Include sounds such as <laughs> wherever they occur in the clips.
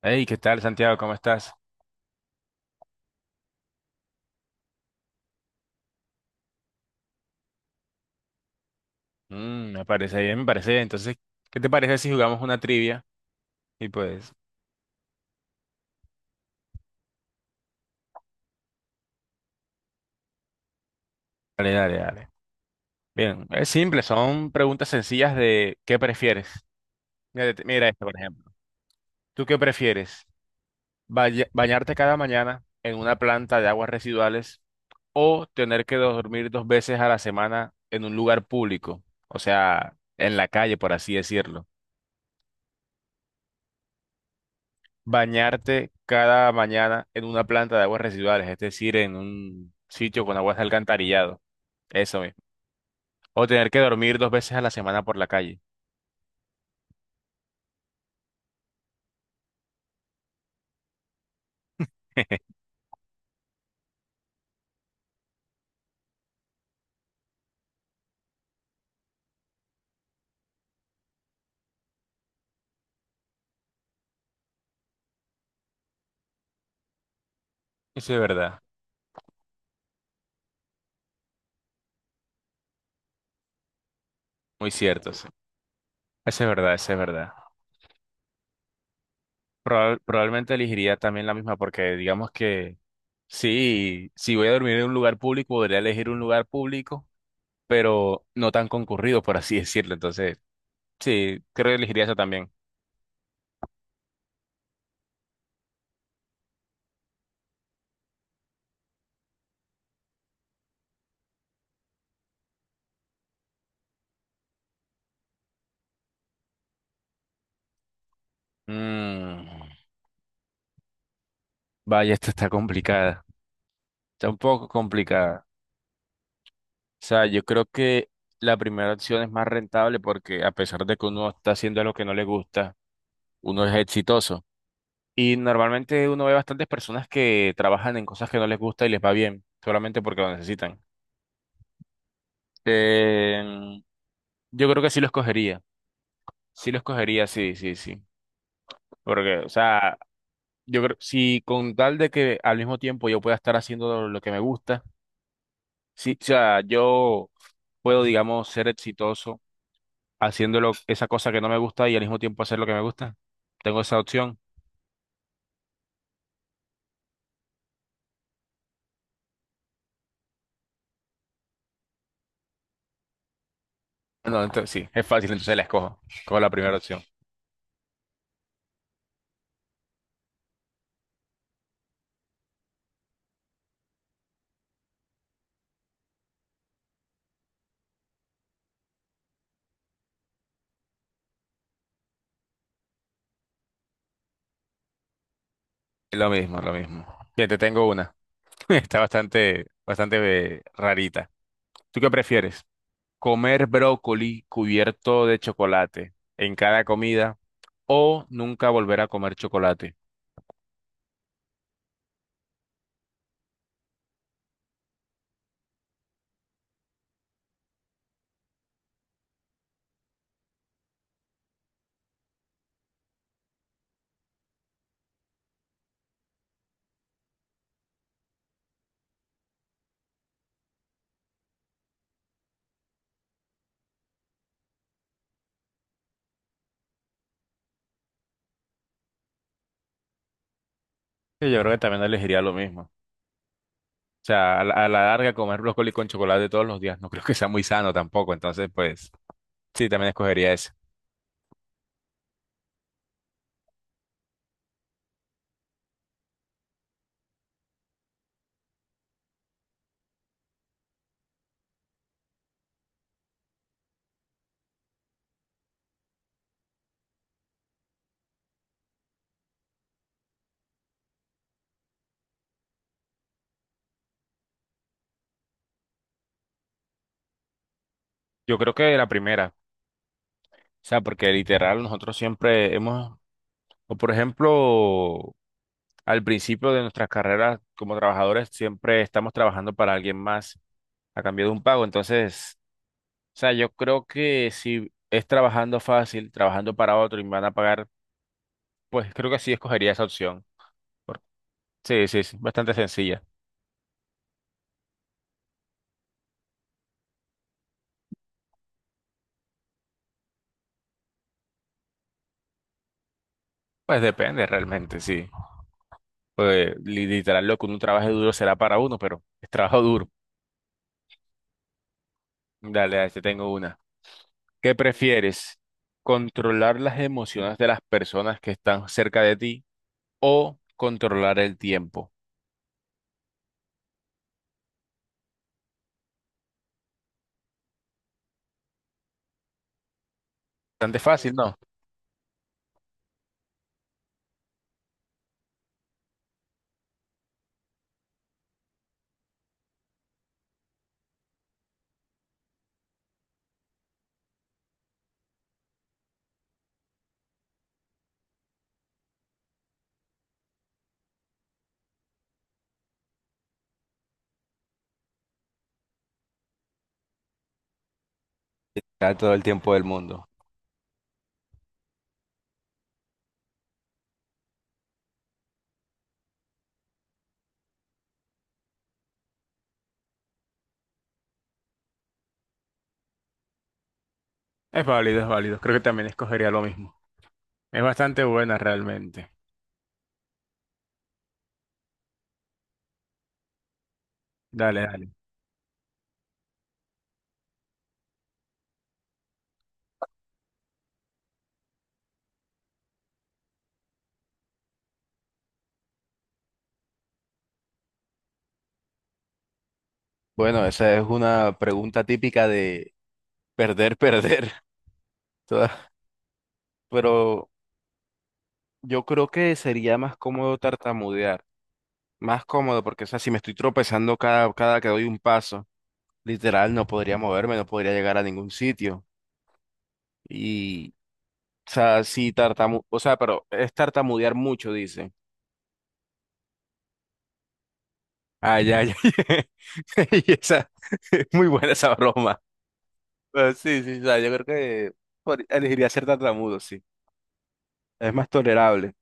Hey, ¿qué tal, Santiago? ¿Cómo estás? Me parece bien, me parece bien. Entonces, ¿qué te parece si jugamos una trivia? Y pues, dale, dale, dale. Bien, es simple, son preguntas sencillas de ¿qué prefieres? Mira, mira esto, por ejemplo. ¿Tú qué prefieres? ¿Bañarte cada mañana en una planta de aguas residuales o tener que dormir dos veces a la semana en un lugar público? O sea, en la calle, por así decirlo. Bañarte cada mañana en una planta de aguas residuales, es decir, en un sitio con aguas de alcantarillado. Eso mismo. O tener que dormir dos veces a la semana por la calle. <laughs> Eso es verdad, muy cierto. Eso es verdad, eso es verdad. Probablemente elegiría también la misma porque digamos que sí, si voy a dormir en un lugar público, podría elegir un lugar público, pero no tan concurrido, por así <laughs> decirlo. Entonces, sí, creo que elegiría eso también. Mm, vaya, esta está complicada, está un poco complicada. O sea, yo creo que la primera opción es más rentable porque a pesar de que uno está haciendo lo que no le gusta, uno es exitoso. Y normalmente uno ve bastantes personas que trabajan en cosas que no les gusta y les va bien, solamente porque lo necesitan. Em, yo creo que sí lo escogería. Sí lo escogería, sí, sí, sí. Porque, o sea, yo creo, si con tal de que al mismo tiempo yo pueda estar haciendo lo que me gusta, sí, o sea, yo puedo, digamos, ser exitoso haciéndolo esa cosa que no me gusta y al mismo tiempo hacer lo que me gusta. Tengo esa opción. No, entonces sí, es fácil, entonces la escojo. Escojo la primera opción. Lo mismo, lo mismo. Bien, te tengo una. <laughs> Está bastante, bastante rarita. ¿Tú qué prefieres? ¿Comer brócoli cubierto de chocolate en cada comida o nunca volver a comer chocolate? Sí, yo creo que también elegiría lo mismo. O sea, a la larga comer brócoli con chocolate todos los días no creo que sea muy sano tampoco, entonces pues sí, también escogería ese. Yo creo que la primera, o sea, porque literal nosotros siempre hemos, o por ejemplo, al principio de nuestras carreras como trabajadores siempre estamos trabajando para alguien más a cambio de un pago, entonces, o sea, yo creo que si es trabajando fácil, trabajando para otro y me van a pagar, pues creo que sí escogería esa opción. Por- Sí, sí, sí, bastante sencilla. Pues depende realmente, sí. Pues literal, lo que uno trabaje duro será para uno, pero es trabajo duro. Dale, ahí te tengo una. ¿Qué prefieres? ¿Controlar las emociones de las personas que están cerca de ti o controlar el tiempo? Bastante fácil, ¿no? Ya todo el tiempo del mundo. Es válido, es válido. Creo que también escogería lo mismo. Es bastante buena realmente. Dale, dale. Bueno, esa es una pregunta típica de perder, perder. <laughs> Toda- pero yo creo que sería más cómodo tartamudear, más cómodo porque, o sea, si me estoy tropezando cada que doy un paso, literal no podría moverme, no podría llegar a ningún sitio. Y, o sea, si tartamu, o sea, pero es tartamudear mucho, dice. Ah, ya, ya. <laughs> Y esa, <laughs> es muy buena esa broma. Pero sí, sí, o sea, yo creo que elegiría ser tartamudo, sí. Es más tolerable.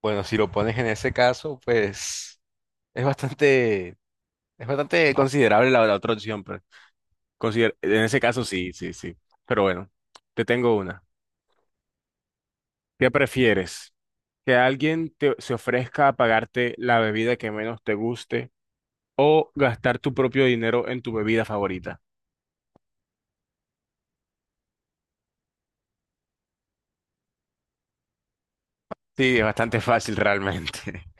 Bueno, si lo pones en ese caso, pues es bastante, es bastante considerable la, la otra opción, pues. En ese caso sí, sí, sí. Pero bueno, te tengo una. ¿Qué prefieres? ¿Que alguien se ofrezca a pagarte la bebida que menos te guste o gastar tu propio dinero en tu bebida favorita? Sí, es bastante fácil realmente. <laughs>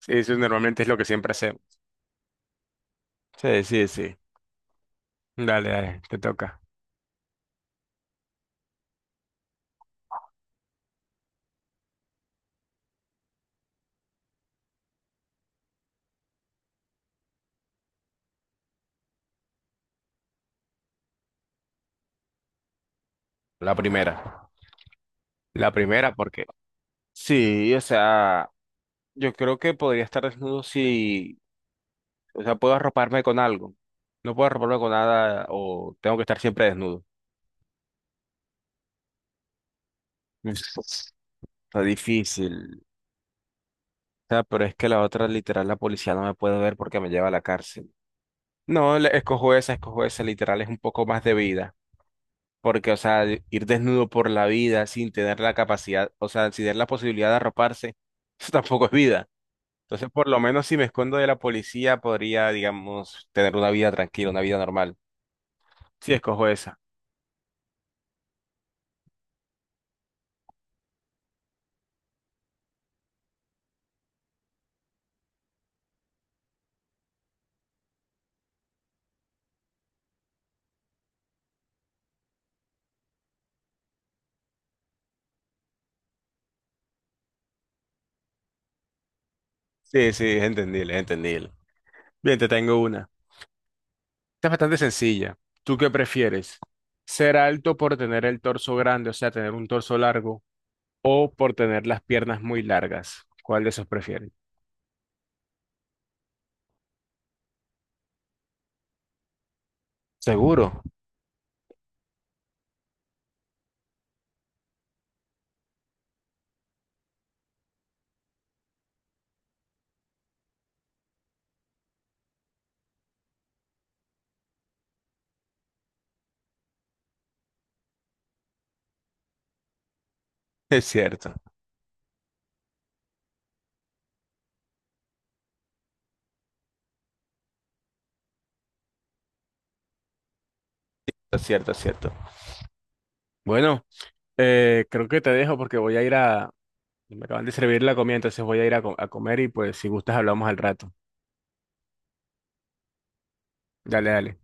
Sí, eso normalmente es lo que siempre hacemos. Sí, sí, sí. Dale, dale, te toca. La primera. La primera, porque sí, o sea, yo creo que podría estar desnudo si, o sea, puedo arroparme con algo. No puedo arroparme con nada o tengo que estar siempre desnudo. Es- Está difícil. O sea, pero es que la otra, literal, la policía no me puede ver porque me lleva a la cárcel. No, escojo esa, literal, es un poco más de vida. Porque, o sea, ir desnudo por la vida sin tener la capacidad, o sea, sin tener la posibilidad de arroparse, <laughs> eso tampoco es vida. Entonces, por lo menos si me escondo de la policía, podría, digamos, tener una vida tranquila, una vida normal. Sí, escojo esa. Sí, sí, es entendible, es entendible. Bien, te tengo una. Esta es bastante sencilla. ¿Tú qué prefieres? ¿Ser alto por tener el torso grande, o sea, tener un torso largo, o por tener las piernas muy largas? ¿Cuál de esos prefieres? Seguro. <laughs> Es cierto, es cierto, es cierto. Bueno, creo que te dejo porque voy a ir a... Me acaban de servir la comida, entonces voy a ir a comer y pues si gustas hablamos al rato. Dale, dale.